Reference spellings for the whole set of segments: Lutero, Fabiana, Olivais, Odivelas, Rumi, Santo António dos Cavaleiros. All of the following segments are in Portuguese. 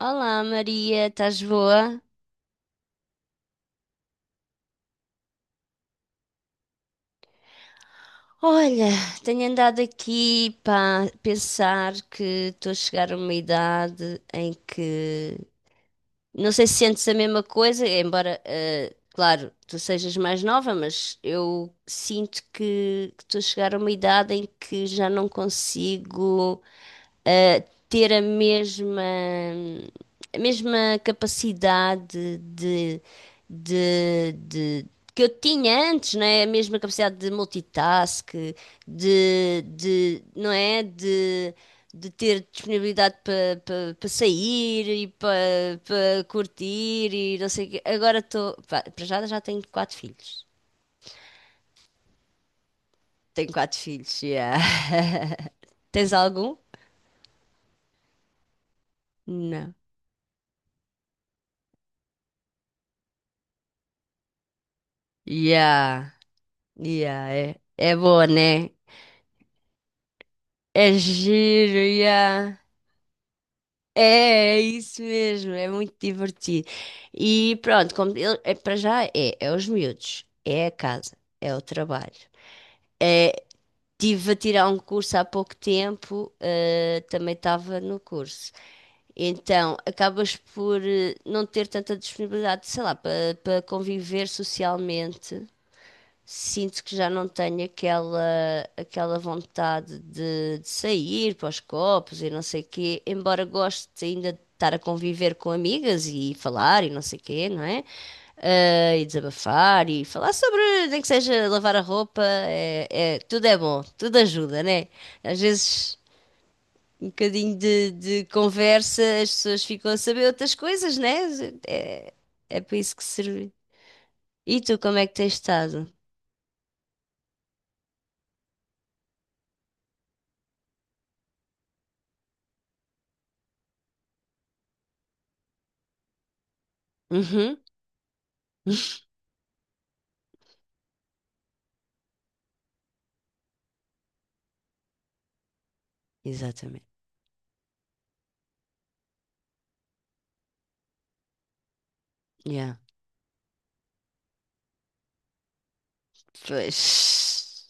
Olá Maria, estás boa? Olha, tenho andado aqui para pensar que estou a chegar a uma idade em que não sei se sentes a mesma coisa, embora, claro, tu sejas mais nova, mas eu sinto que estou a chegar a uma idade em que já não consigo, eh, ter a mesma capacidade de que eu tinha antes, não é? A mesma capacidade de multitask, de não é? De ter disponibilidade para pa, pa- pa sair e para pa curtir e não sei o quê. Agora estou. Para já, já tenho quatro filhos. Tenho quatro filhos, yeah. Tens algum? Não. Yeah, yeah, é boa, né? É giro, yeah. É isso mesmo, é muito divertido. E pronto, é, para já é os miúdos, é a casa, é o trabalho. Tive a tirar um curso há pouco tempo, também estava no curso. Então, acabas por não ter tanta disponibilidade, sei lá, para conviver socialmente. Sinto que já não tenho aquela vontade de sair para os copos e não sei o quê, embora goste ainda de estar a conviver com amigas e falar e não sei o quê, não é? Ah, e desabafar e falar sobre, nem que seja lavar a roupa, tudo é bom, tudo ajuda, né? Às vezes um bocadinho de conversa, as pessoas ficam a saber outras coisas, né? É, é para isso que serve. E tu, como é que tens estado? Uhum. Exatamente. Yeah. Pois.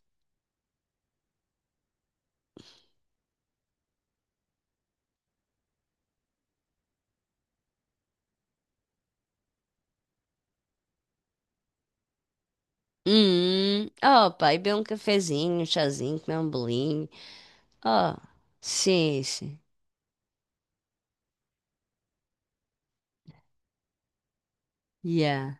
Hum. Oh, pá, e beber um cafezinho, um chazinho, comer um bolinho. Oh, sim, sim. Yeah.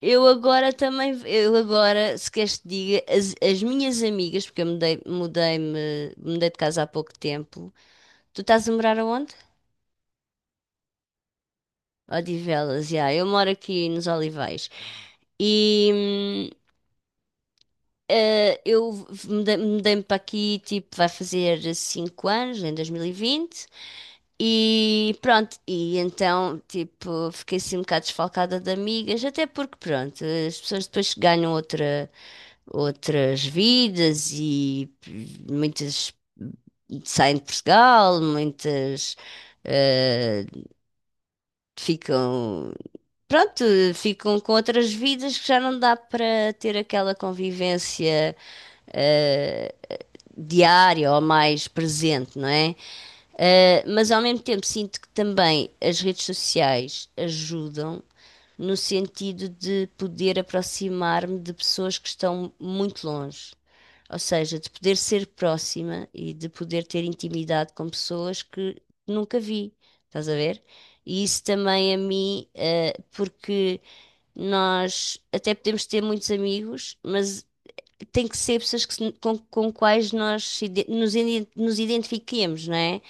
Eu agora também, eu agora, se queres que diga, as minhas amigas, porque eu mudei, mudei-me, mudei de casa há pouco tempo. Tu estás a morar aonde? Odivelas, já. Eu moro aqui nos Olivais. E eu mudei-me para aqui, tipo, vai fazer 5 anos, em 2020. E pronto, e então, tipo, fiquei assim um bocado desfalcada de amigas, até porque, pronto, as pessoas depois ganham outra, outras vidas e muitas saem de Portugal, muitas eh, ficam, pronto, ficam com outras vidas que já não dá para ter aquela convivência eh, diária ou mais presente, não é? Mas ao mesmo tempo sinto que também as redes sociais ajudam no sentido de poder aproximar-me de pessoas que estão muito longe. Ou seja, de poder ser próxima e de poder ter intimidade com pessoas que nunca vi. Estás a ver? E isso também a mim, porque nós até podemos ter muitos amigos, mas tem que ser pessoas que se- com quais nós se ide- nos, iden- nos identifiquemos, não é?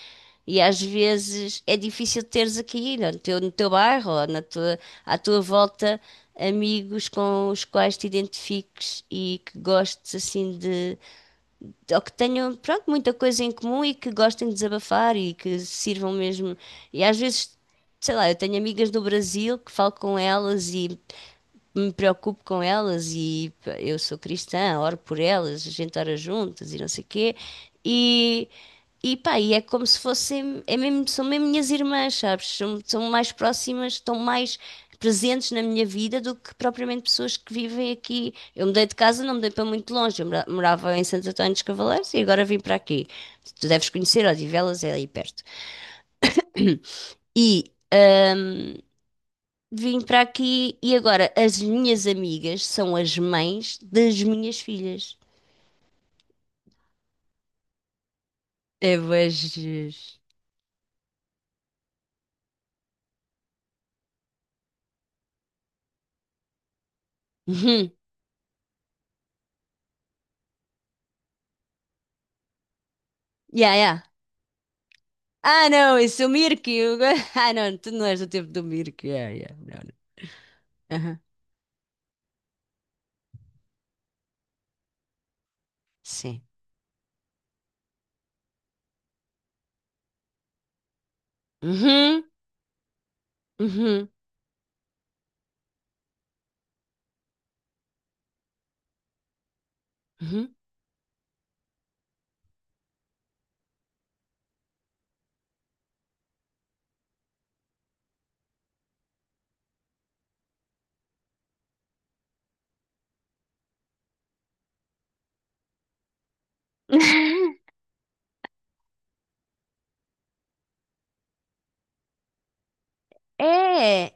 E às vezes é difícil teres aqui no teu bairro ou na tua, à tua volta amigos com os quais te identifiques e que gostes assim ou que tenham, pronto, muita coisa em comum e que gostem de desabafar e que sirvam mesmo. E às vezes, sei lá, eu tenho amigas do Brasil que falo com elas e me preocupo com elas e pá, eu sou cristã, oro por elas, a gente ora juntas e não sei o quê. E, e pá, e é como se fossem, é mesmo, são mesmo minhas irmãs, sabes? São, são mais próximas, estão mais presentes na minha vida do que propriamente pessoas que vivem aqui. Eu mudei de casa, não mudei para muito longe, eu morava em Santo António dos Cavaleiros e agora vim para aqui. Tu deves conhecer, Odivelas é aí perto. E vim para aqui e agora as minhas amigas são as mães das minhas filhas. É bué Jesus. Uhum. Yeah, yeah. Ah, não, esse é o Mirko. Ah, não, tu não és do tempo do Mirko. Yeah, yeah. Não, não. Aham. Sim. Uhum. Uhum. Uhum. É,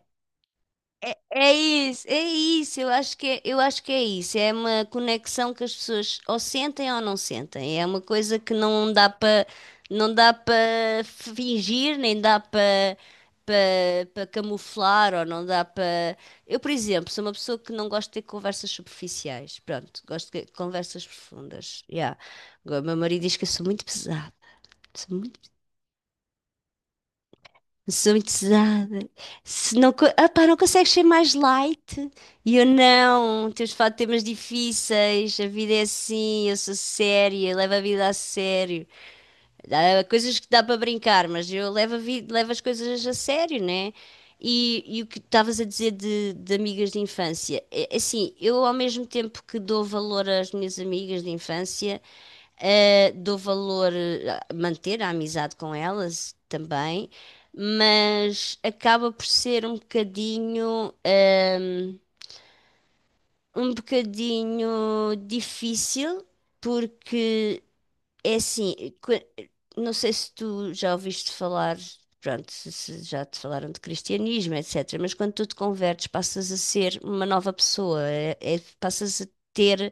é isso, é isso, eu acho que é, eu acho que é isso. É uma conexão que as pessoas ou sentem ou não sentem. É uma coisa que não dá para fingir, nem dá para camuflar ou não dá para. Eu, por exemplo, sou uma pessoa que não gosto de ter conversas superficiais. Pronto, gosto de conversas profundas. Yeah. Agora, o meu marido diz que eu sou muito pesada. Sou muito pesada. Se não, ah, pá, não consegues ser mais light? E eu não, temos de falar de temas difíceis, a vida é assim, eu sou séria, levo a vida a sério. Há coisas que dá para brincar, mas eu levo, a vida, levo as coisas a sério, né? E o que estavas a dizer de amigas de infância? É, assim, eu ao mesmo tempo que dou valor às minhas amigas de infância. Dou valor a manter a amizade com elas também, mas acaba por ser um bocadinho, um bocadinho difícil, porque é assim, que- não sei se tu já ouviste falar, pronto, se já te falaram de cristianismo, etc., mas quando tu te convertes, passas a ser uma nova pessoa, passas a ter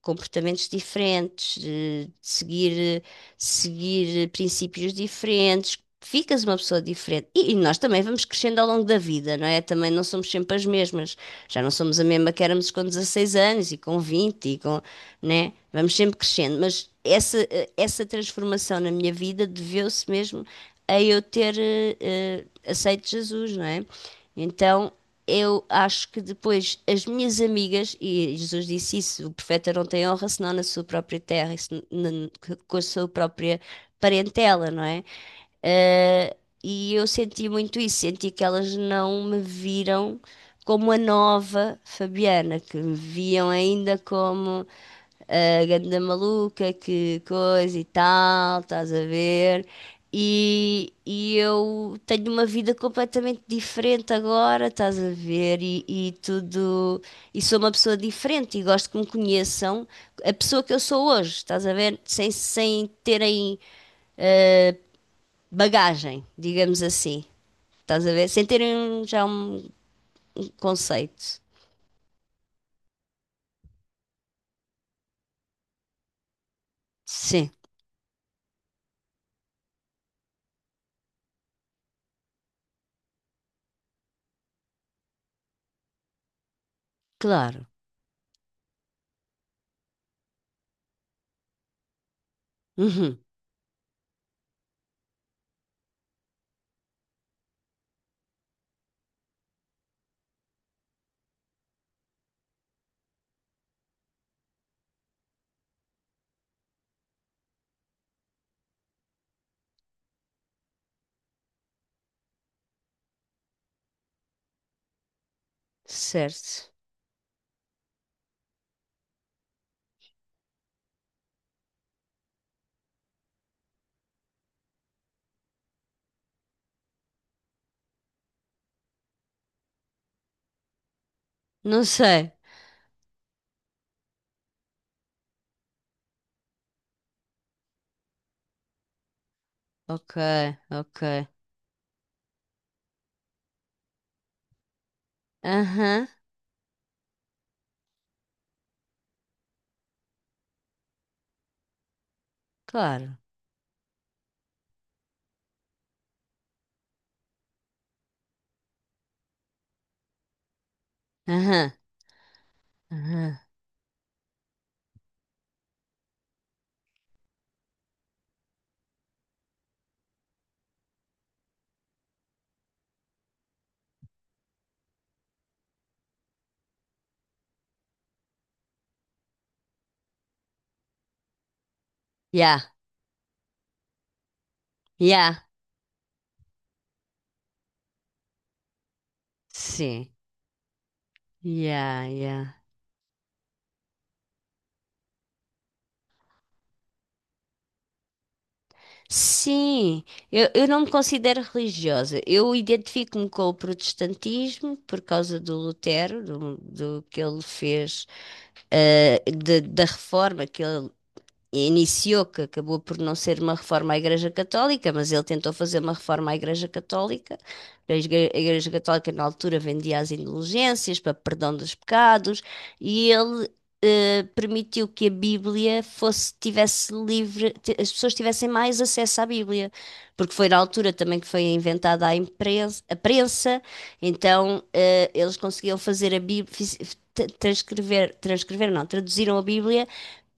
comportamentos diferentes, de seguir, seguir princípios diferentes, ficas uma pessoa diferente. E nós também vamos crescendo ao longo da vida, não é? Também não somos sempre as mesmas. Já não somos a mesma que éramos com 16 anos e com 20 e com, né? Vamos sempre crescendo, mas essa transformação na minha vida deveu-se mesmo a eu ter aceito Jesus, não é? Então, eu acho que depois as minhas amigas, e Jesus disse isso, o profeta não tem honra senão na sua própria terra, e com a sua própria parentela, não é? Eh, e eu senti muito isso, senti que elas não me viram como a nova Fabiana, que me viam ainda como a ganda maluca, que coisa e tal, estás a ver? E eu tenho uma vida completamente diferente agora, estás a ver? E tudo. E sou uma pessoa diferente e gosto que me conheçam a pessoa que eu sou hoje, estás a ver? Sem terem bagagem, digamos assim. Estás a ver? Sem terem já um conceito. Sim, claro. Uhum, certo. Não sei. Ok, ok. Aham, claro. Aham, aham. Yeah, yeah. Sim. Yeah, yeah. Sim, eu não me considero religiosa. Eu identifico-me com o protestantismo por causa do Lutero, do que ele fez, da reforma que ele iniciou, que acabou por não ser uma reforma à Igreja Católica, mas ele tentou fazer uma reforma à Igreja Católica. A Igreja Católica, na altura, vendia as indulgências para perdão dos pecados e ele permitiu que a Bíblia fosse, tivesse livre, as pessoas tivessem mais acesso à Bíblia, porque foi na altura também que foi inventada a imprensa, a prensa, então eles conseguiam fazer a Bíblia, transcrever, transcrever não, traduziram a Bíblia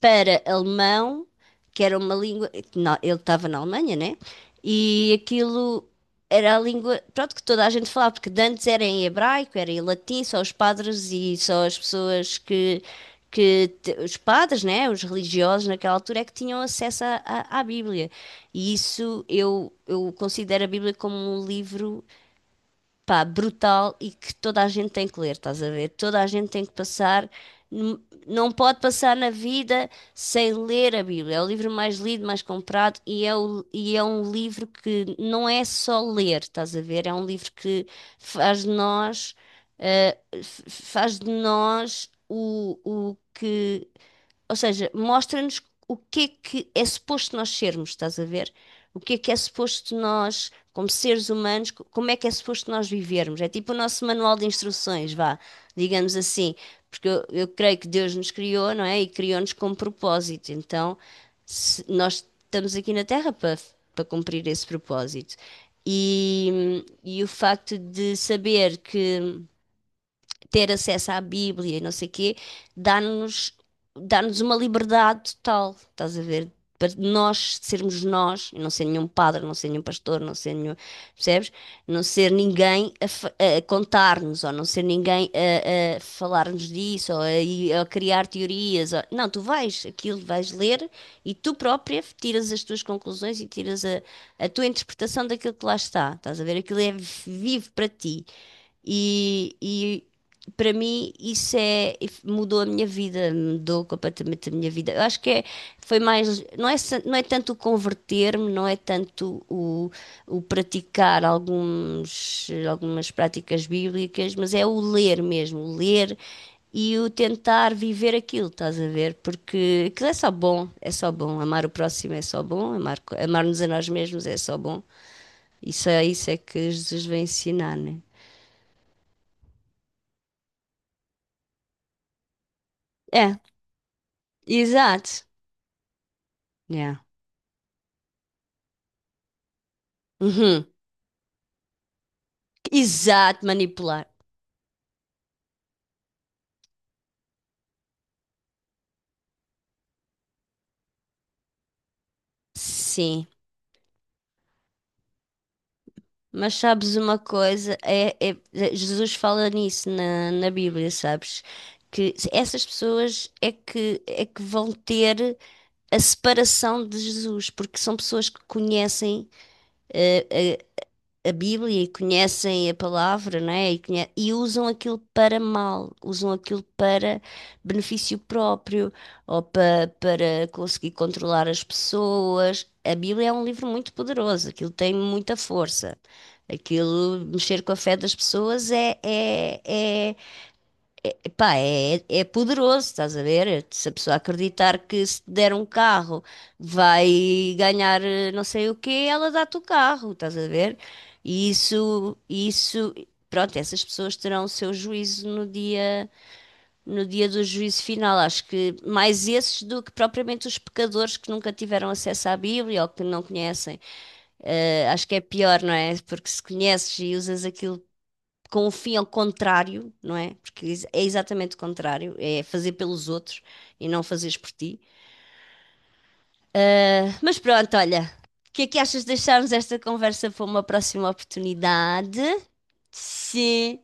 para alemão, que era uma língua. Ele estava na Alemanha, né? E aquilo era a língua, pronto, que toda a gente falava, porque de antes era em hebraico, era em latim, só os padres e só as pessoas que. Os padres, né, os religiosos naquela altura é que tinham acesso à Bíblia. E isso eu considero a Bíblia como um livro pá, brutal e que toda a gente tem que ler, estás a ver? Toda a gente tem que passar, n- não pode passar na vida sem ler a Bíblia. É o livro mais lido, mais comprado e é, e é um livro que não é só ler, estás a ver? É um livro que faz de nós, faz de nós o que ou seja, mostra-nos o que é suposto nós sermos, estás a ver? O que é suposto nós, como seres humanos, como é que é suposto nós vivermos? É tipo o nosso manual de instruções, vá, digamos assim. Porque eu creio que Deus nos criou, não é? E criou-nos com propósito. Então, nós estamos aqui na Terra para cumprir esse propósito. E o facto de saber que ter acesso à Bíblia e não sei o quê, dá-nos dá-nos uma liberdade total, estás a ver? Para nós sermos nós, e não ser nenhum padre, não ser nenhum pastor, não ser nenhum, percebes? Não ser ninguém a contar-nos, ou não ser ninguém a falar-nos disso, ou a criar teorias. Não, tu vais, aquilo vais ler e tu própria tiras as tuas conclusões e tiras a tua interpretação daquilo que lá está. Estás a ver? Aquilo é vivo para ti. E para mim isso é mudou a minha vida, mudou completamente a minha vida. Eu acho que é, foi mais não é tanto o converter-me, não é tanto o praticar alguns algumas práticas bíblicas, mas é o ler mesmo, o ler e o tentar viver aquilo, estás a ver? Porque aquilo é só bom, é só bom. Amar o próximo é só bom, amar, amar-nos a nós mesmos é só bom. Isso é que Jesus vem ensinar, né? É, exato. Yeah. Uhum. Exato, manipular. Sim. Mas sabes uma coisa? Jesus fala nisso na Bíblia, sabes? Que essas pessoas é que vão ter a separação de Jesus, porque são pessoas que conhecem eh, a Bíblia e conhecem a palavra, não é? E usam aquilo para mal, usam aquilo para benefício próprio ou para conseguir controlar as pessoas. A Bíblia é um livro muito poderoso, aquilo tem muita força. Aquilo, mexer com a fé das pessoas éé Epá, é poderoso, estás a ver? Se a pessoa acreditar que se te der um carro vai ganhar não sei o quê, ela dá-te o carro, estás a ver? E isso, pronto, essas pessoas terão o seu juízo no dia, no dia do juízo final. Acho que mais esses do que propriamente os pecadores que nunca tiveram acesso à Bíblia ou que não conhecem. Acho que é pior, não é? Porque se conheces e usas aquilo com o fim ao contrário, não é? Porque é exatamente o contrário, é fazer pelos outros e não fazeres por ti. Mas pronto, olha, o que é que achas de deixarmos esta conversa para uma próxima oportunidade? Sim.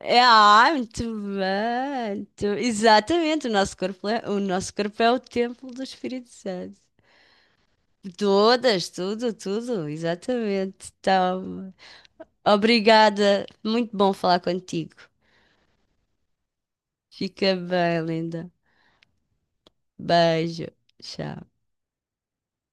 É, ah, muito bem. Muito- Exatamente, o nosso corpo é, o nosso corpo é o templo do Espírito Santo. Todas, tudo, tudo, exatamente. Então, obrigada. Muito bom falar contigo. Fica bem, linda. Beijo. Tchau.